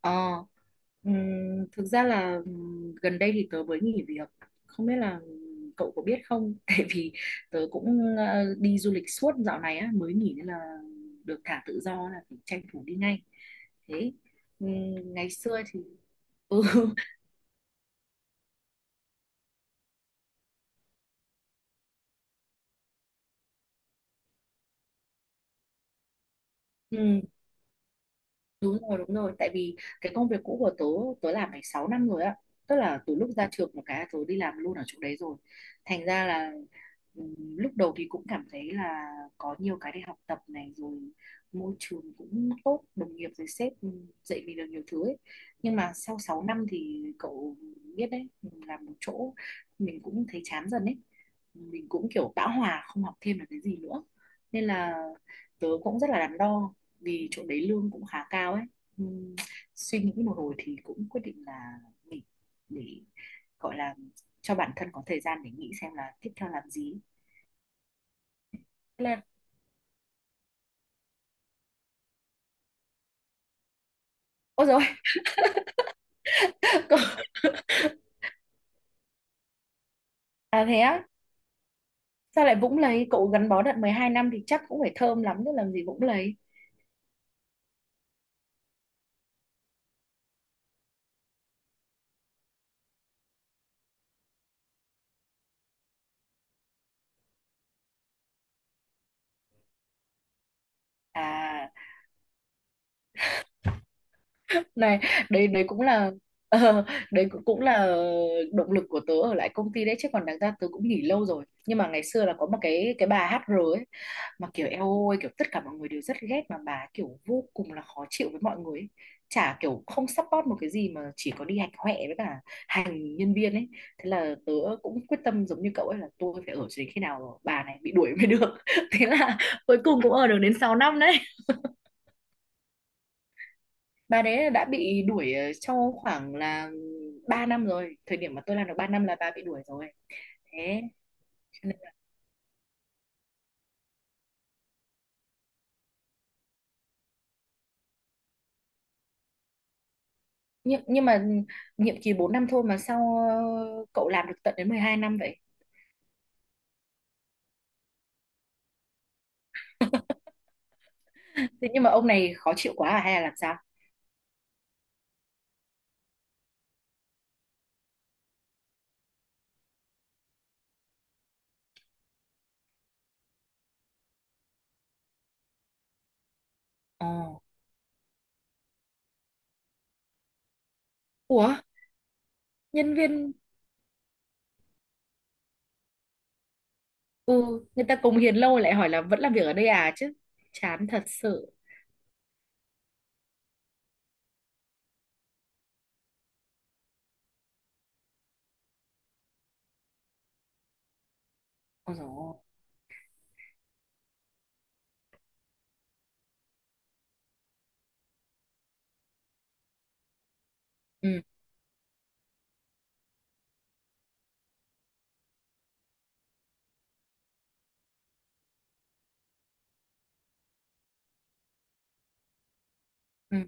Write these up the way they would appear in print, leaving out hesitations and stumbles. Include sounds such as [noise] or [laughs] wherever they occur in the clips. Ờ, ừm, Thực ra là gần đây thì tớ mới nghỉ việc. Không biết là cậu có biết không? [laughs] Tại vì tớ cũng đi du lịch suốt dạo này á, mới nghỉ nên là được thả tự do là phải tranh thủ đi ngay. Thế ngày xưa thì. [laughs] Ừ, đúng rồi, đúng rồi. Tại vì cái công việc cũ của tớ, tớ làm phải 6 năm rồi ạ. Tức là từ lúc ra trường một cái tớ đi làm luôn ở chỗ đấy rồi. Thành ra là lúc đầu thì cũng cảm thấy là có nhiều cái để học tập này, rồi môi trường cũng tốt, đồng nghiệp rồi sếp dạy mình được nhiều thứ ấy. Nhưng mà sau 6 năm thì cậu biết đấy, làm một chỗ mình cũng thấy chán dần ấy. Mình cũng kiểu bão hòa không học thêm được cái gì nữa. Nên là tớ cũng rất là đắn đo vì chỗ đấy lương cũng khá cao ấy. Ừm, Suy nghĩ một hồi thì cũng quyết định là nghỉ, để gọi là cho bản thân có thời gian để nghĩ xem là tiếp theo làm gì. Thế là ôi rồi. [laughs] Cậu, à thế á, sao lại Vũng lấy? Cậu gắn bó đợt 12 năm thì chắc cũng phải thơm lắm chứ, làm gì Vũng lấy. À này, đấy đấy cũng là [laughs] ờ, đấy cũng cũng là động lực của tớ ở lại công ty đấy, chứ còn đáng ra tớ cũng nghỉ lâu rồi, nhưng mà ngày xưa là có một cái bà HR ấy mà kiểu eo ôi, kiểu tất cả mọi người đều rất ghét, mà bà ấy kiểu vô cùng là khó chịu với mọi người ấy. Chả kiểu không support một cái gì mà chỉ có đi hạch hoẹ với cả hành nhân viên ấy. Thế là tớ cũng quyết tâm giống như cậu ấy, là tôi phải ở cho đến khi nào bà này bị đuổi mới được. [laughs] Thế là cuối cùng cũng ở được đến 6 năm đấy. Bà đấy là đã bị đuổi trong khoảng là 3 năm rồi. Thời điểm mà tôi làm được 3 năm là bà bị đuổi rồi. Thế cho nên- nhưng mà nhiệm kỳ 4 năm thôi mà sao cậu làm được tận đến 12 năm vậy? [laughs] Thế nhưng mà ông này khó chịu quá à hay là làm sao? Ờ. Ủa, nhân viên. Ừ, người ta cống hiến lâu lại hỏi là vẫn làm việc ở đây à chứ, chán thật sự. Ôi dồi ôi. Ừ, ừ.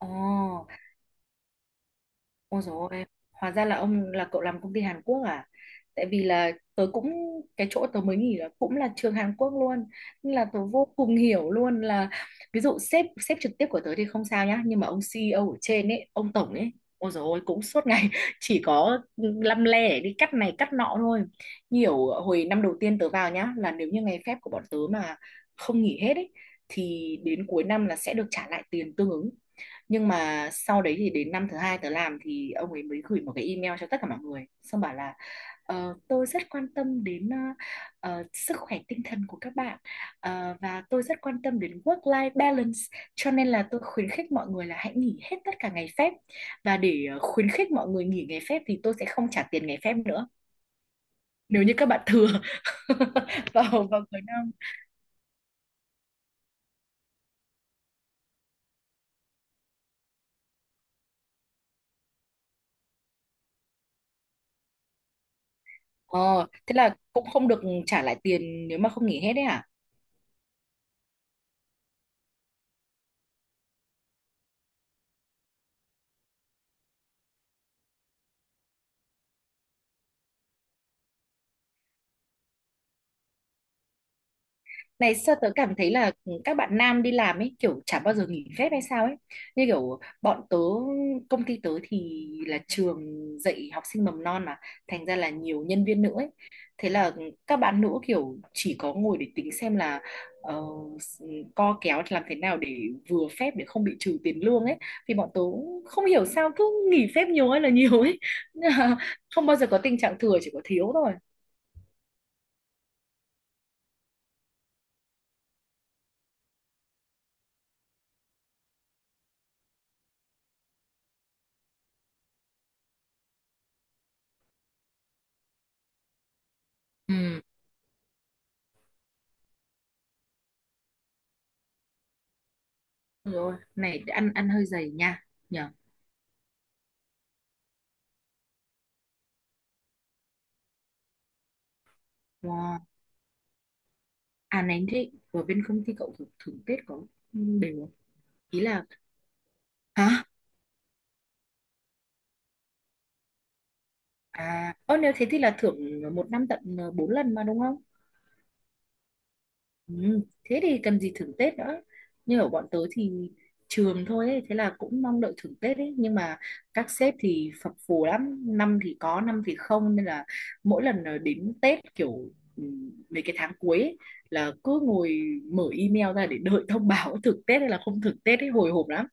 Ồ. Ôi dồi ôi, hóa ra là ông là cậu làm công ty Hàn Quốc à? Tại vì là tớ cũng, cái chỗ tớ mới nghỉ là cũng là trường Hàn Quốc luôn, nên là tớ vô cùng hiểu luôn, là ví dụ sếp sếp trực tiếp của tớ thì không sao nhá, nhưng mà ông CEO ở trên ấy, ông tổng ấy, ôi dồi ôi, cũng suốt ngày [laughs] chỉ có lăm le để đi cắt này cắt nọ thôi. Nhiều hồi năm đầu tiên tớ vào nhá, là nếu như ngày phép của bọn tớ mà không nghỉ hết ấy thì đến cuối năm là sẽ được trả lại tiền tương ứng. Nhưng mà sau đấy thì đến năm thứ hai tớ làm, thì ông ấy mới gửi một cái email cho tất cả mọi người, xong bảo là: "Ờ, tôi rất quan tâm đến sức khỏe tinh thần của các bạn, và tôi rất quan tâm đến work-life balance, cho nên là tôi khuyến khích mọi người là hãy nghỉ hết tất cả ngày phép. Và để khuyến khích mọi người nghỉ ngày phép thì tôi sẽ không trả tiền ngày phép nữa nếu như các bạn thừa [laughs] vào vào cuối năm." Ờ Thế là cũng không được trả lại tiền nếu mà không nghỉ hết đấy hả? Này sao tớ cảm thấy là các bạn nam đi làm ấy kiểu chả bao giờ nghỉ phép hay sao ấy. Như kiểu bọn tớ, công ty tớ thì là trường dạy học sinh mầm non mà, thành ra là nhiều nhân viên nữ ấy. Thế là các bạn nữ kiểu chỉ có ngồi để tính xem là ờ, co kéo làm thế nào để vừa phép để không bị trừ tiền lương ấy. Thì bọn tớ không hiểu sao cứ nghỉ phép nhiều, hay là nhiều ấy. [laughs] Không bao giờ có tình trạng thừa, chỉ có thiếu thôi. Ừ, đúng rồi, này ăn ăn hơi dày nha. Nhở. Wow. À này, thế ở bên công ty cậu thưởng, Tết có đều không? Ý là, hả? À, ơ nếu thế thì là thưởng một năm tận 4 lần mà đúng không? Ừ, thế thì cần gì thưởng Tết nữa. Như ở bọn tớ thì trường thôi ấy, thế là cũng mong đợi thưởng Tết ấy, nhưng mà các sếp thì phập phù lắm, năm thì có, năm thì không, nên là mỗi lần đến Tết kiểu ừ, mấy cái tháng cuối ấy, là cứ ngồi mở email ra để đợi thông báo [laughs] thưởng Tết hay là không thưởng Tết ấy, hồi hộp lắm.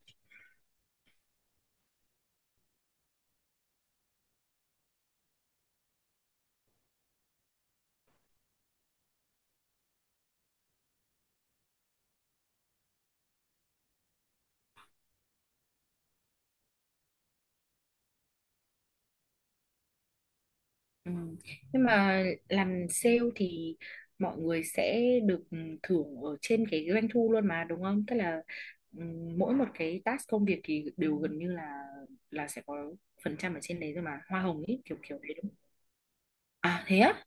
Ừ. Nhưng mà làm sale thì mọi người sẽ được thưởng ở trên cái doanh thu luôn mà đúng không? Tức là mỗi một cái task công việc thì đều gần như là sẽ có phần trăm ở trên đấy rồi mà, hoa hồng ấy, kiểu kiểu đấy, đúng không? À thế á?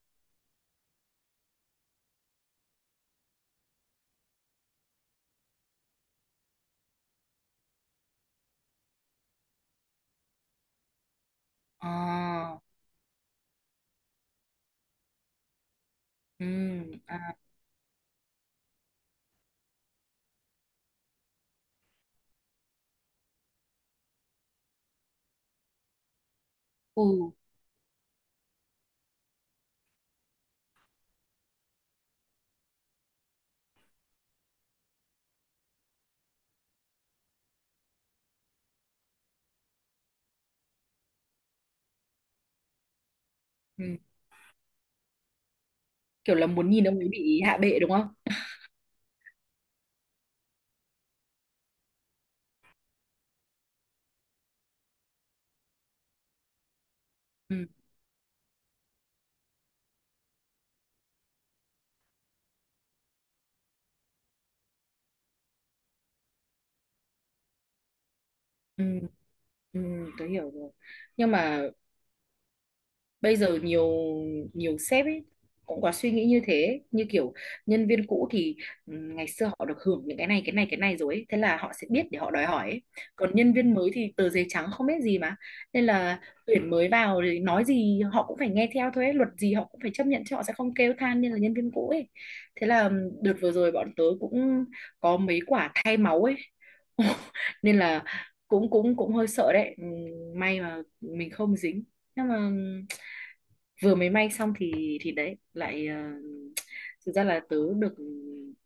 À, ừ, à, ừ, ừ. Kiểu là muốn nhìn ông ấy bị hạ bệ đúng không? Ừ, ừ, ừ, tôi hiểu rồi. Nhưng mà bây giờ nhiều nhiều sếp ấy cũng có suy nghĩ như thế, như kiểu nhân viên cũ thì ngày xưa họ được hưởng những cái này, cái này, cái này rồi ấy. Thế là họ sẽ biết để họ đòi hỏi ấy. Còn nhân viên mới thì tờ giấy trắng không biết gì mà, nên là tuyển mới vào thì nói gì họ cũng phải nghe theo thôi ấy. Luật gì họ cũng phải chấp nhận chứ, họ sẽ không kêu than như là nhân viên cũ ấy. Thế là đợt vừa rồi bọn tớ cũng có mấy quả thay máu ấy. [laughs] Nên là cũng cũng cũng hơi sợ đấy. May mà mình không dính. Nhưng mà vừa mới may xong thì đấy lại thực ra là tớ được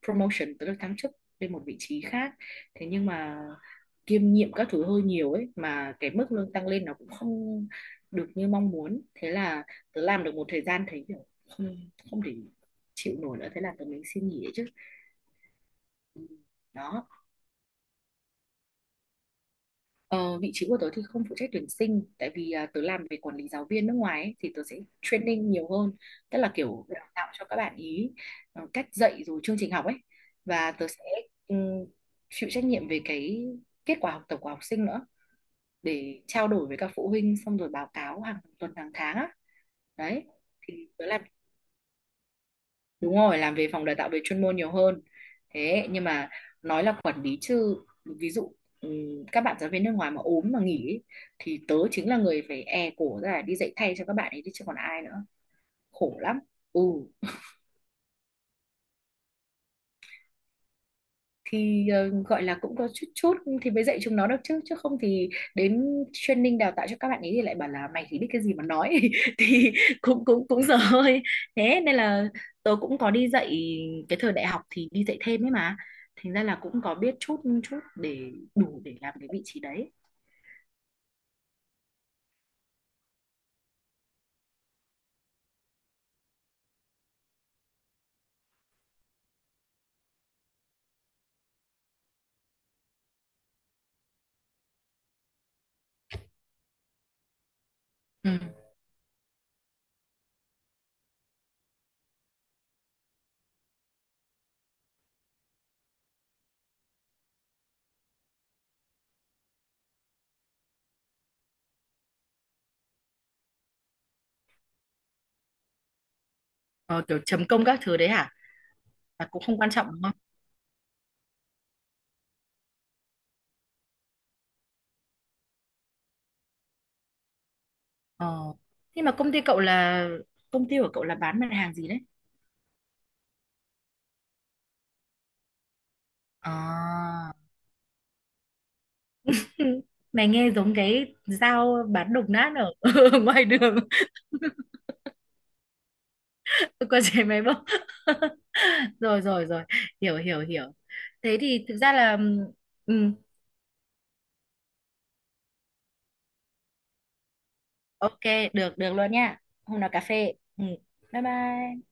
promotion, tớ được thăng chức lên một vị trí khác. Thế nhưng mà kiêm nhiệm các thứ hơi nhiều ấy, mà cái mức lương tăng lên nó cũng không được như mong muốn. Thế là tớ làm được một thời gian thấy kiểu không không thể chịu nổi nữa, thế là tớ mới xin nghỉ ấy chứ. Ừ, đó. Ờ, vị trí của tớ thì không phụ trách tuyển sinh, tại vì tớ làm về quản lý giáo viên nước ngoài ấy, thì tớ sẽ training nhiều hơn. Tức là kiểu đào tạo cho các bạn ý cách dạy rồi chương trình học ấy. Và tớ sẽ ừm, chịu trách nhiệm về cái kết quả học tập của học sinh nữa, để trao đổi với các phụ huynh xong rồi báo cáo hàng tuần hàng tháng á. Đấy thì tớ làm. Đúng rồi, làm về phòng đào tạo về chuyên môn nhiều hơn. Thế nhưng mà nói là quản lý chứ, ví dụ các bạn giáo viên nước ngoài mà ốm mà nghỉ ấy, thì tớ chính là người phải e cổ ra đi dạy thay cho các bạn ấy đi, chứ còn ai nữa. Khổ lắm. Ừ. Thì gọi là cũng có chút chút thì mới dạy chúng nó được, chứ chứ không thì đến training đào tạo cho các bạn ấy thì lại bảo là mày chỉ biết cái gì mà nói, [laughs] thì cũng cũng cũng dở hơi. Thế nên là tớ cũng có đi dạy, cái thời đại học thì đi dạy thêm ấy mà, thành ra là cũng có biết chút chút để đủ để làm cái vị trí đấy. Ừ. Ờ, kiểu chấm công các thứ đấy hả? Là cũng không quan trọng đúng không? Ờ. Nhưng mà công ty của cậu là bán mặt hàng gì đấy? À. Ừ. Mày nghe giống cái dao bán đồng nát ở [laughs] ở ngoài đường. [laughs] Con trẻ máy bóc. [laughs] Rồi rồi rồi, hiểu hiểu hiểu. Thế thì thực ra là ừ, ok. Được được luôn nha, hôm nào cà phê. Ừ. Bye bye.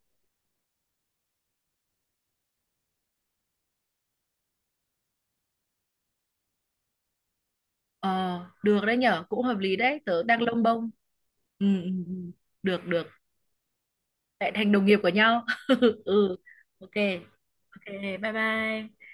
Ờ Được đấy nhở, cũng hợp lý đấy, tớ đang lông bông. Ừ, ừ, ừ. Được được, lại thành đồng nghiệp của nhau. [laughs] Ừ. Ok ok. Bye bye.